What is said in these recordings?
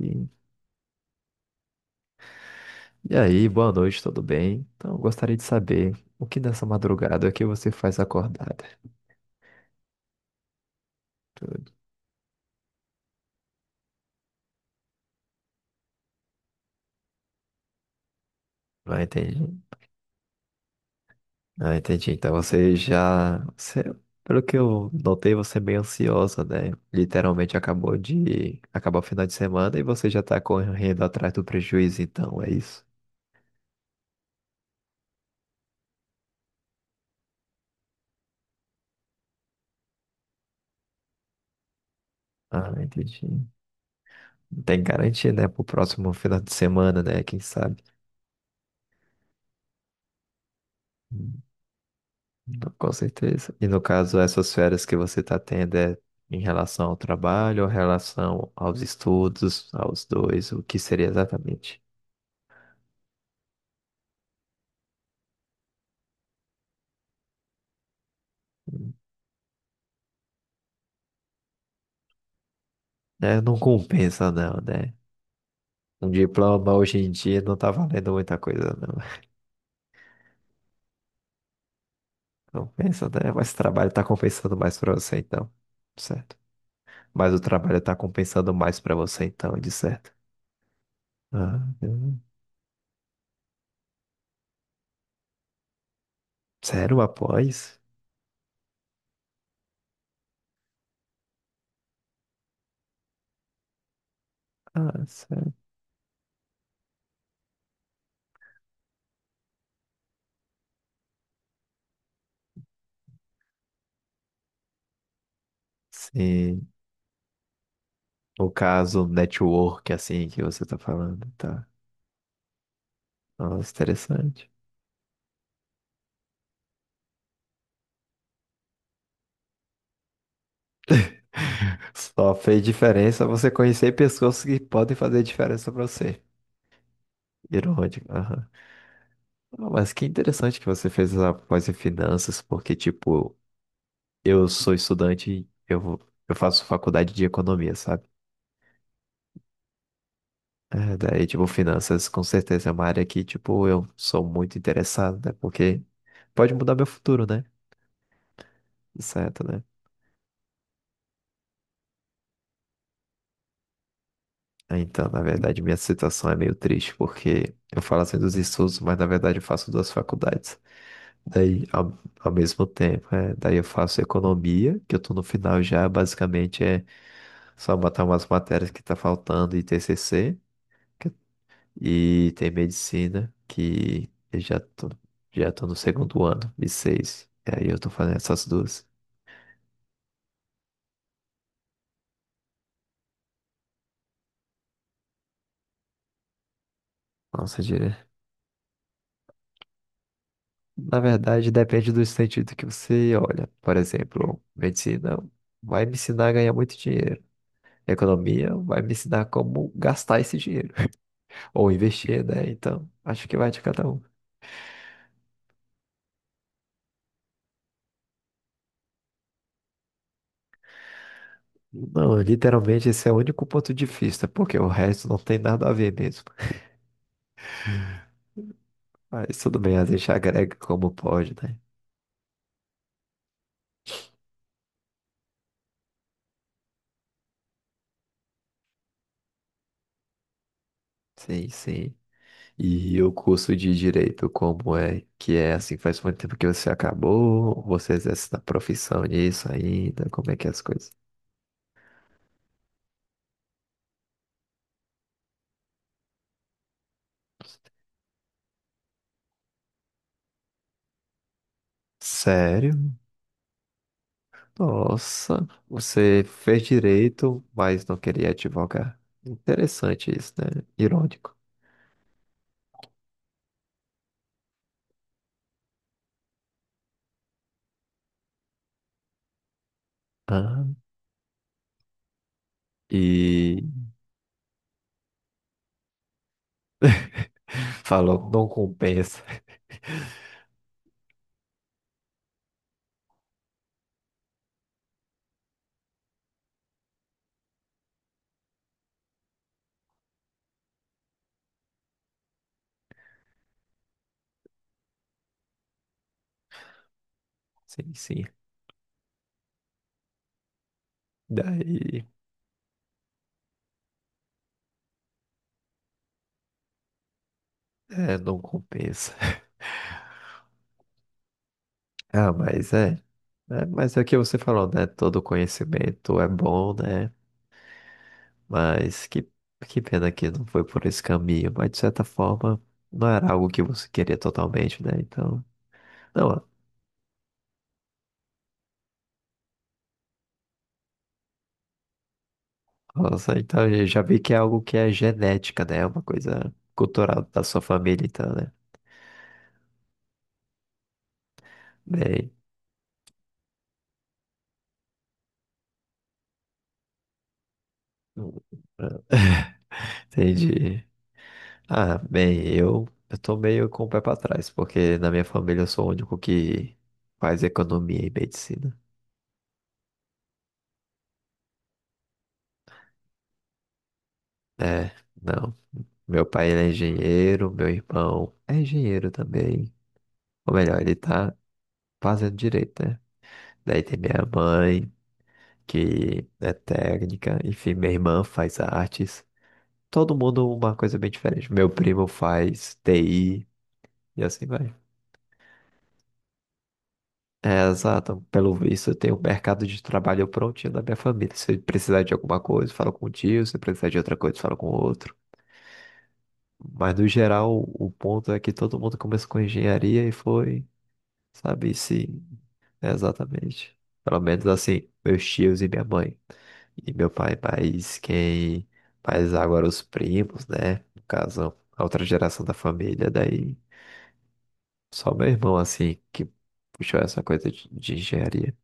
E e aí, boa noite, tudo bem? Então, eu gostaria de saber o que nessa madrugada é que você faz acordada? Tudo. Ah, entendi. Ah, entendi. Então você já. você- pelo que eu notei, você é meio ansiosa, né? Literalmente acabou de. Acabou o final de semana e você já tá correndo atrás do prejuízo, então, é isso? Ah, entendi. Não tem garantia, né? Pro próximo final de semana, né? Quem sabe? Com certeza. E no caso, essas férias que você está tendo é em relação ao trabalho, ou em relação aos estudos, aos dois, o que seria exatamente? É, não compensa não, né? Um diploma hoje em dia não tá valendo muita coisa, não. Compensa, né? Mas o trabalho tá compensando mais pra você, então. Certo. Mas o trabalho tá compensando mais pra você, então, de certo. Ah. Sério, após? Ah, sério. Sim. O caso network, assim, que você tá falando, tá? Nossa, interessante. Só fez diferença você conhecer pessoas que podem fazer diferença pra você. Irônico. Aham. Ah, mas que interessante que você fez essa pós em finanças, porque, tipo, eu sou estudante, eu faço faculdade de economia, sabe? É, daí, tipo, finanças com certeza é uma área que, tipo, eu sou muito interessado, né? Porque pode mudar meu futuro, né? Certo, né? Ah, então, na verdade, minha situação é meio triste, porque eu falo assim dos estudos, mas na verdade eu faço duas faculdades. Daí, ao mesmo tempo, é, daí eu faço economia, que eu tô no final já, basicamente é só botar umas matérias que tá faltando e TCC, que- e tem medicina, que eu já tô no segundo ano, e seis. E aí eu tô fazendo essas duas. Nossa, dire... Na verdade, depende do sentido que você olha. Por exemplo, medicina vai me ensinar a ganhar muito dinheiro. Economia vai me ensinar como gastar esse dinheiro. Ou investir, né? Então, acho que vai de cada um. Não, literalmente esse é o único ponto de vista, porque o resto não tem nada a ver mesmo. Mas tudo bem, a gente agrega como pode, né? Sim, sim. E o curso de direito, como é que é assim? Faz muito tempo que você acabou? Você exerce na profissão nisso ainda? Como é que é as coisas? Sério? Nossa, você fez direito, mas não queria advogar. Interessante isso, né? Irônico. Ah, e falou, não compensa. Sim, sim. Daí, é, não compensa. Ah, mas é, é. Mas é o que você falou, né? Todo conhecimento é bom, né? Mas que, que pena que não foi por esse caminho. Mas de certa forma, não era algo que você queria totalmente, né? Então, não, nossa, então eu já vi que é algo que é genética, né? É uma coisa cultural da sua família, então, né? Bem, hum, hum, entendi. Ah, bem, eu tô meio com o pé pra trás, porque na minha família eu sou o único que faz economia e medicina. É, não. Meu pai, ele é engenheiro, meu irmão é engenheiro também. Ou melhor, ele tá fazendo direito, né? Daí tem minha mãe, que é técnica, enfim, minha irmã faz artes. Todo mundo uma coisa bem diferente. Meu primo faz TI e assim vai. É, exato. Pelo visto, eu tenho o mercado de trabalho prontinho da minha família. Se precisar de alguma coisa, falo com o tio. Se precisar de outra coisa, falo com o outro. Mas, no geral, o ponto é que todo mundo começou com engenharia e foi, sabe, sim, exatamente. Pelo menos, assim, meus tios e minha mãe. E meu pai, mas quem faz agora os primos, né? No caso, a outra geração da família. Daí, só meu irmão, assim, que puxou essa coisa de engenharia.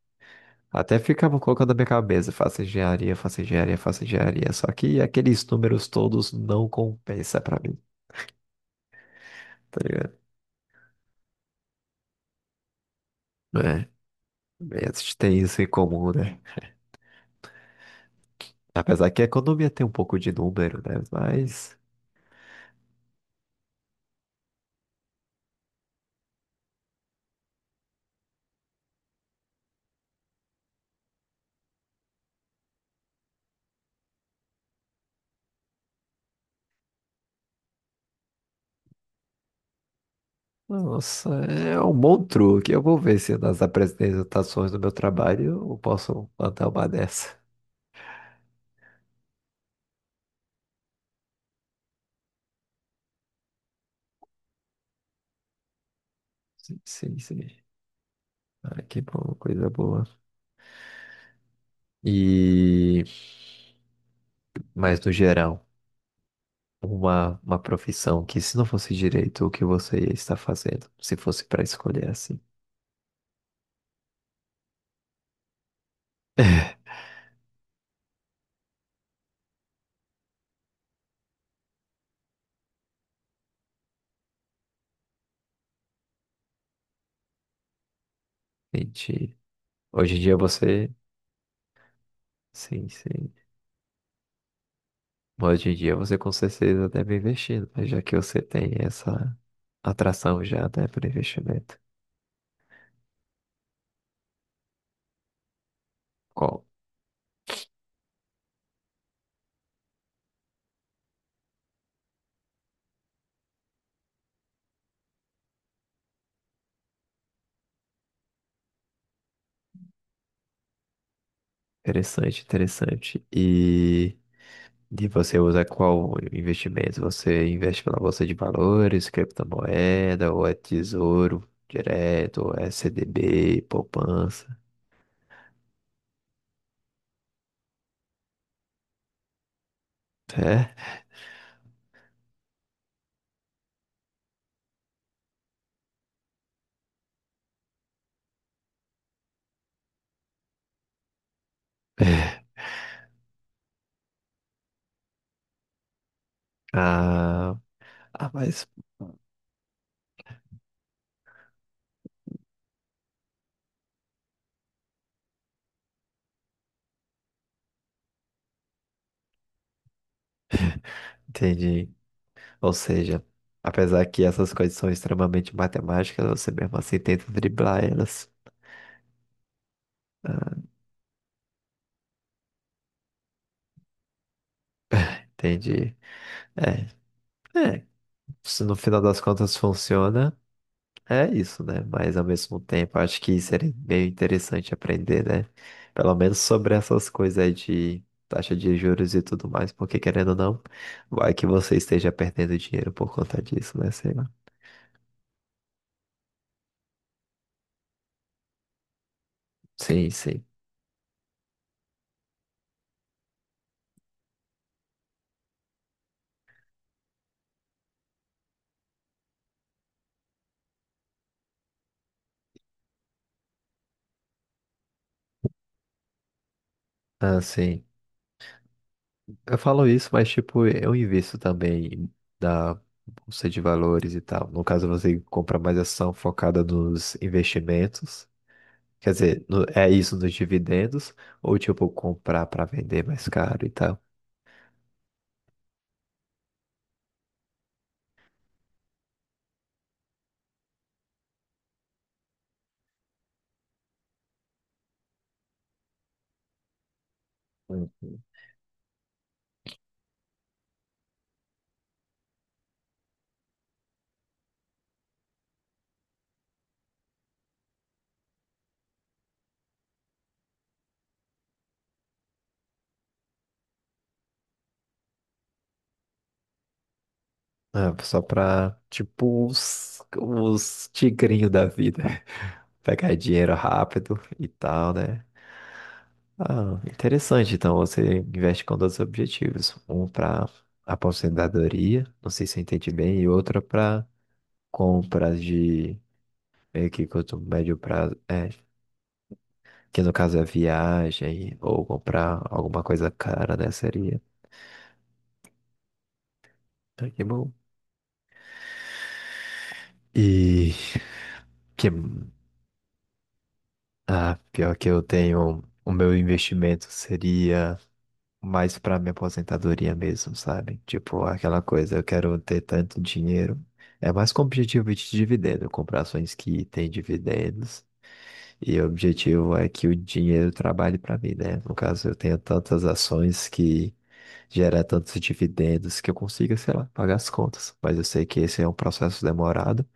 Até ficava colocando na minha cabeça, faça engenharia, faça engenharia, faça engenharia. Só que aqueles números todos não compensa pra mim, tá ligado? É, a gente tem isso em comum, né? Apesar que a economia tem um pouco de número, né? Mas, nossa, é um bom truque. Eu vou ver se nas apresentações do meu trabalho eu posso plantar uma dessa. Sim, sim, sim. Ah, que bom, coisa boa. E... Mas no geral. Uma profissão que, se não fosse direito, o que você ia estar fazendo? Se fosse para escolher assim. Entendi. Hoje em dia você. Sim, sim. Hoje em dia você com certeza deve investir, né? Já que você tem essa atração já, né, para investimento. Qual? Interessante, interessante. E você usa qual investimento? Você investe pela bolsa de valores, criptomoeda, ou é tesouro direto, ou é CDB, poupança? É? Ah, ah, mas entendi. Ou seja, apesar que essas coisas são extremamente matemáticas, você mesmo assim tenta driblar elas. Ah, entendi. É, é. Se no final das contas funciona, é isso, né? Mas ao mesmo tempo, acho que seria meio interessante aprender, né? Pelo menos sobre essas coisas aí de taxa de juros e tudo mais, porque querendo ou não, vai que você esteja perdendo dinheiro por conta disso, né? Sei lá. Sim, sim. Ah, sim. Eu falo isso, mas tipo, eu invisto também na bolsa de valores e tal. No caso, você compra mais ação focada nos investimentos. Quer dizer, é isso nos dividendos, ou tipo, comprar para vender mais caro e tal. Uhum. Ah, só pra, tipo, os tigrinhos da vida. Pegar dinheiro rápido e tal, né? Ah, interessante. Então você investe com dois objetivos. Um para aposentadoria, não sei se eu entendi bem, e outro para compras de meio que curto, médio prazo, é, que no caso é viagem ou comprar alguma coisa cara, né? Seria. Ah, que bom. E que ah, pior que eu tenho, o meu investimento seria mais pra minha aposentadoria mesmo, sabe? Tipo, aquela coisa, eu quero ter tanto dinheiro. É mais com objetivo de dividendo, comprar ações que têm dividendos. E o objetivo é que o dinheiro trabalhe para mim, né? No caso, eu tenho tantas ações que gera tantos dividendos que eu consiga, sei lá, pagar as contas. Mas eu sei que esse é um processo demorado,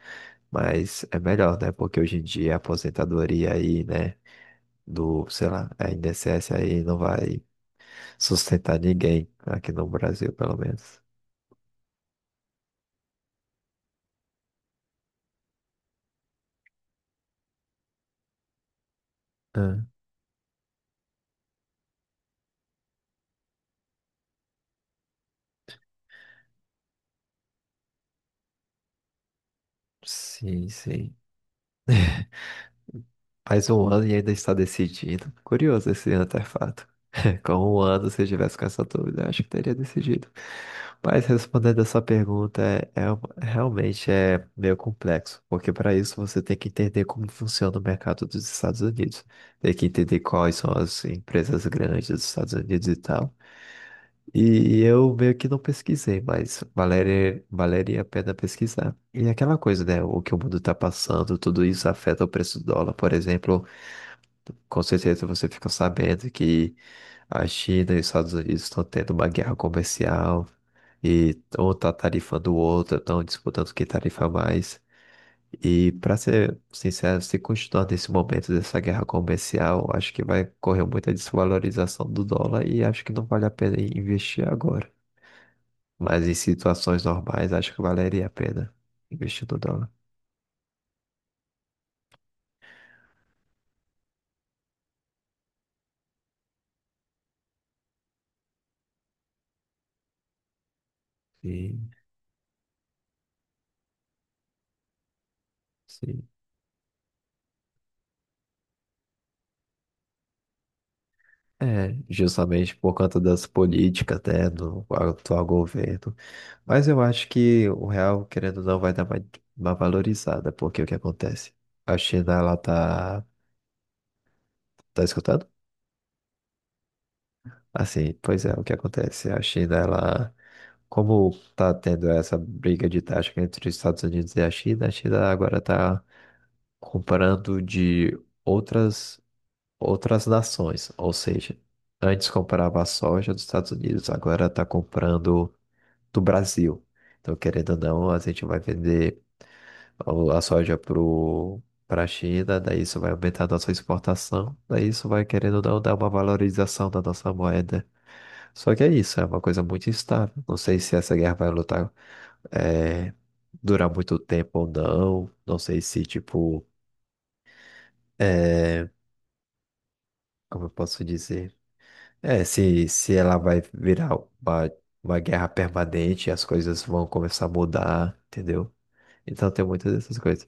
mas é melhor, né? Porque hoje em dia a aposentadoria aí, né? Do, sei lá, a INSS aí não vai sustentar ninguém aqui no Brasil, pelo menos. Ah, sim, sim. Faz um ano e ainda está decidido. Curioso esse antefato. Com um ano, se eu tivesse com essa dúvida, eu acho que teria decidido. Mas respondendo essa pergunta, realmente é meio complexo, porque para isso você tem que entender como funciona o mercado dos Estados Unidos, tem que entender quais são as empresas grandes dos Estados Unidos e tal. E eu meio que não pesquisei, mas Valéria, valeria a pena pesquisar. E é aquela coisa, né? O que o mundo tá passando, tudo isso afeta o preço do dólar. Por exemplo, com certeza você fica sabendo que a China e os Estados Unidos estão tendo uma guerra comercial e um tá tarifando o outro, estão disputando quem tarifa mais. E para ser sincero, se continuar nesse momento dessa guerra comercial, acho que vai correr muita desvalorização do dólar e acho que não vale a pena investir agora. Mas em situações normais, acho que valeria a pena investir no dólar. Sim, sim. É, justamente por conta das políticas, né, do atual governo. Mas eu acho que o real, querendo ou não, vai dar uma valorizada, porque o que acontece? A China, ela tá... Tá escutando? Assim, pois é, o que acontece? A China, ela... Como tá tendo essa briga de taxa entre os Estados Unidos e a China agora tá comprando de outras outras nações. Ou seja, antes comprava a soja dos Estados Unidos, agora está comprando do Brasil. Então, querendo ou não, a gente vai vender a soja pro, para a China, daí isso vai aumentar a nossa exportação, daí isso vai, querendo ou não, dar uma valorização da nossa moeda. Só que é isso, é uma coisa muito instável. Não sei se essa guerra vai lutar, eh, durar muito tempo ou não. Não sei se, tipo, eh, como eu posso dizer? É, se ela vai virar uma, uma guerra permanente, as coisas vão começar a mudar, entendeu? Então tem muitas dessas coisas.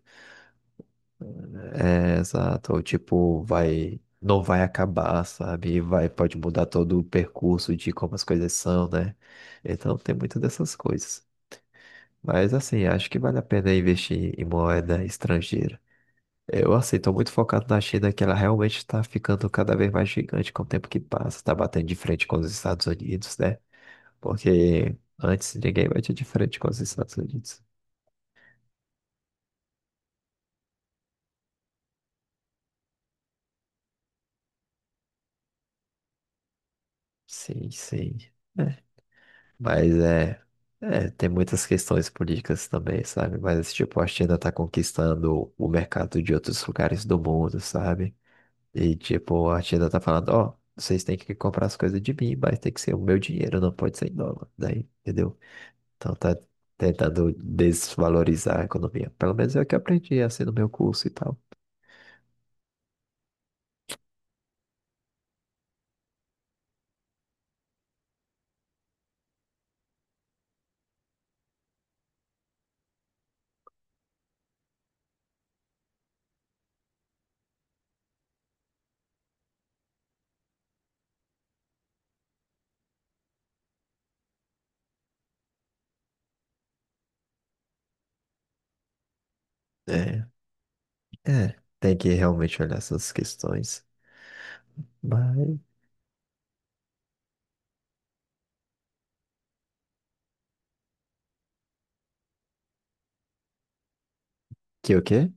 É, exato, ou tipo, vai, não vai acabar, sabe? Vai, pode mudar todo o percurso de como as coisas são, né? Então tem muitas dessas coisas. Mas assim, acho que vale a pena investir em moeda estrangeira. Eu, assim, tô muito focado na China, que ela realmente está ficando cada vez mais gigante com o tempo que passa, tá batendo de frente com os Estados Unidos, né? Porque antes ninguém batia de frente com os Estados Unidos. Sim, sim. É, mas é, é, tem muitas questões políticas também, sabe? Mas, tipo, a China tá conquistando o mercado de outros lugares do mundo, sabe? E, tipo, a China tá falando, ó, vocês têm que comprar as coisas de mim, mas tem que ser o meu dinheiro, não pode ser em dólar, daí, entendeu? Então tá tentando desvalorizar a economia. Pelo menos é o que eu aprendi, assim, no meu curso e tal. É, é, tem que realmente olhar essas questões. Mas que o quê?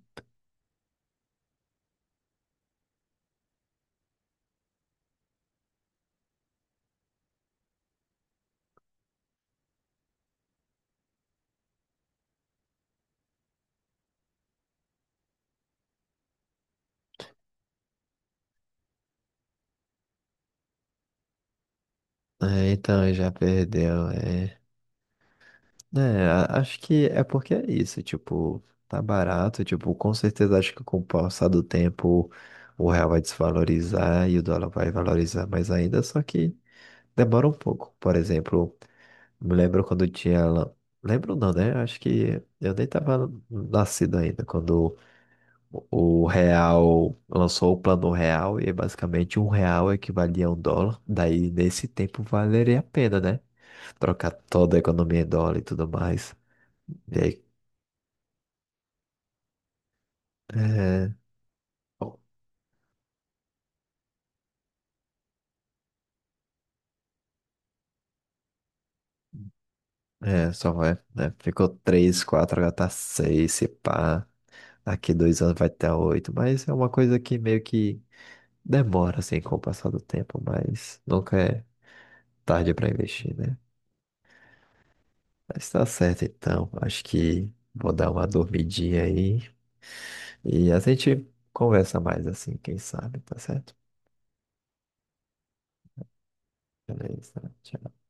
É, então já perdeu, é. É, acho que é porque é isso, tipo, tá barato, tipo, com certeza acho que com o passar do tempo o real vai desvalorizar e o dólar vai valorizar mais ainda, só que demora um pouco. Por exemplo, me lembro quando tinha, lan- lembro não, né? Acho que eu nem tava nascido ainda quando o real lançou o plano real e basicamente um real equivalia a um dólar. Daí nesse tempo valeria a pena, né? Trocar toda a economia em dólar e tudo mais. E aí, é, é, só vai, né? Ficou 3 4 agora tá 6 se pá. Daqui dois anos vai ter oito, mas é uma coisa que meio que demora assim com o passar do tempo, mas nunca é tarde para investir, né? Mas tá certo então, acho que vou dar uma dormidinha aí e a gente conversa mais assim, quem sabe, tá certo? Beleza, tchau.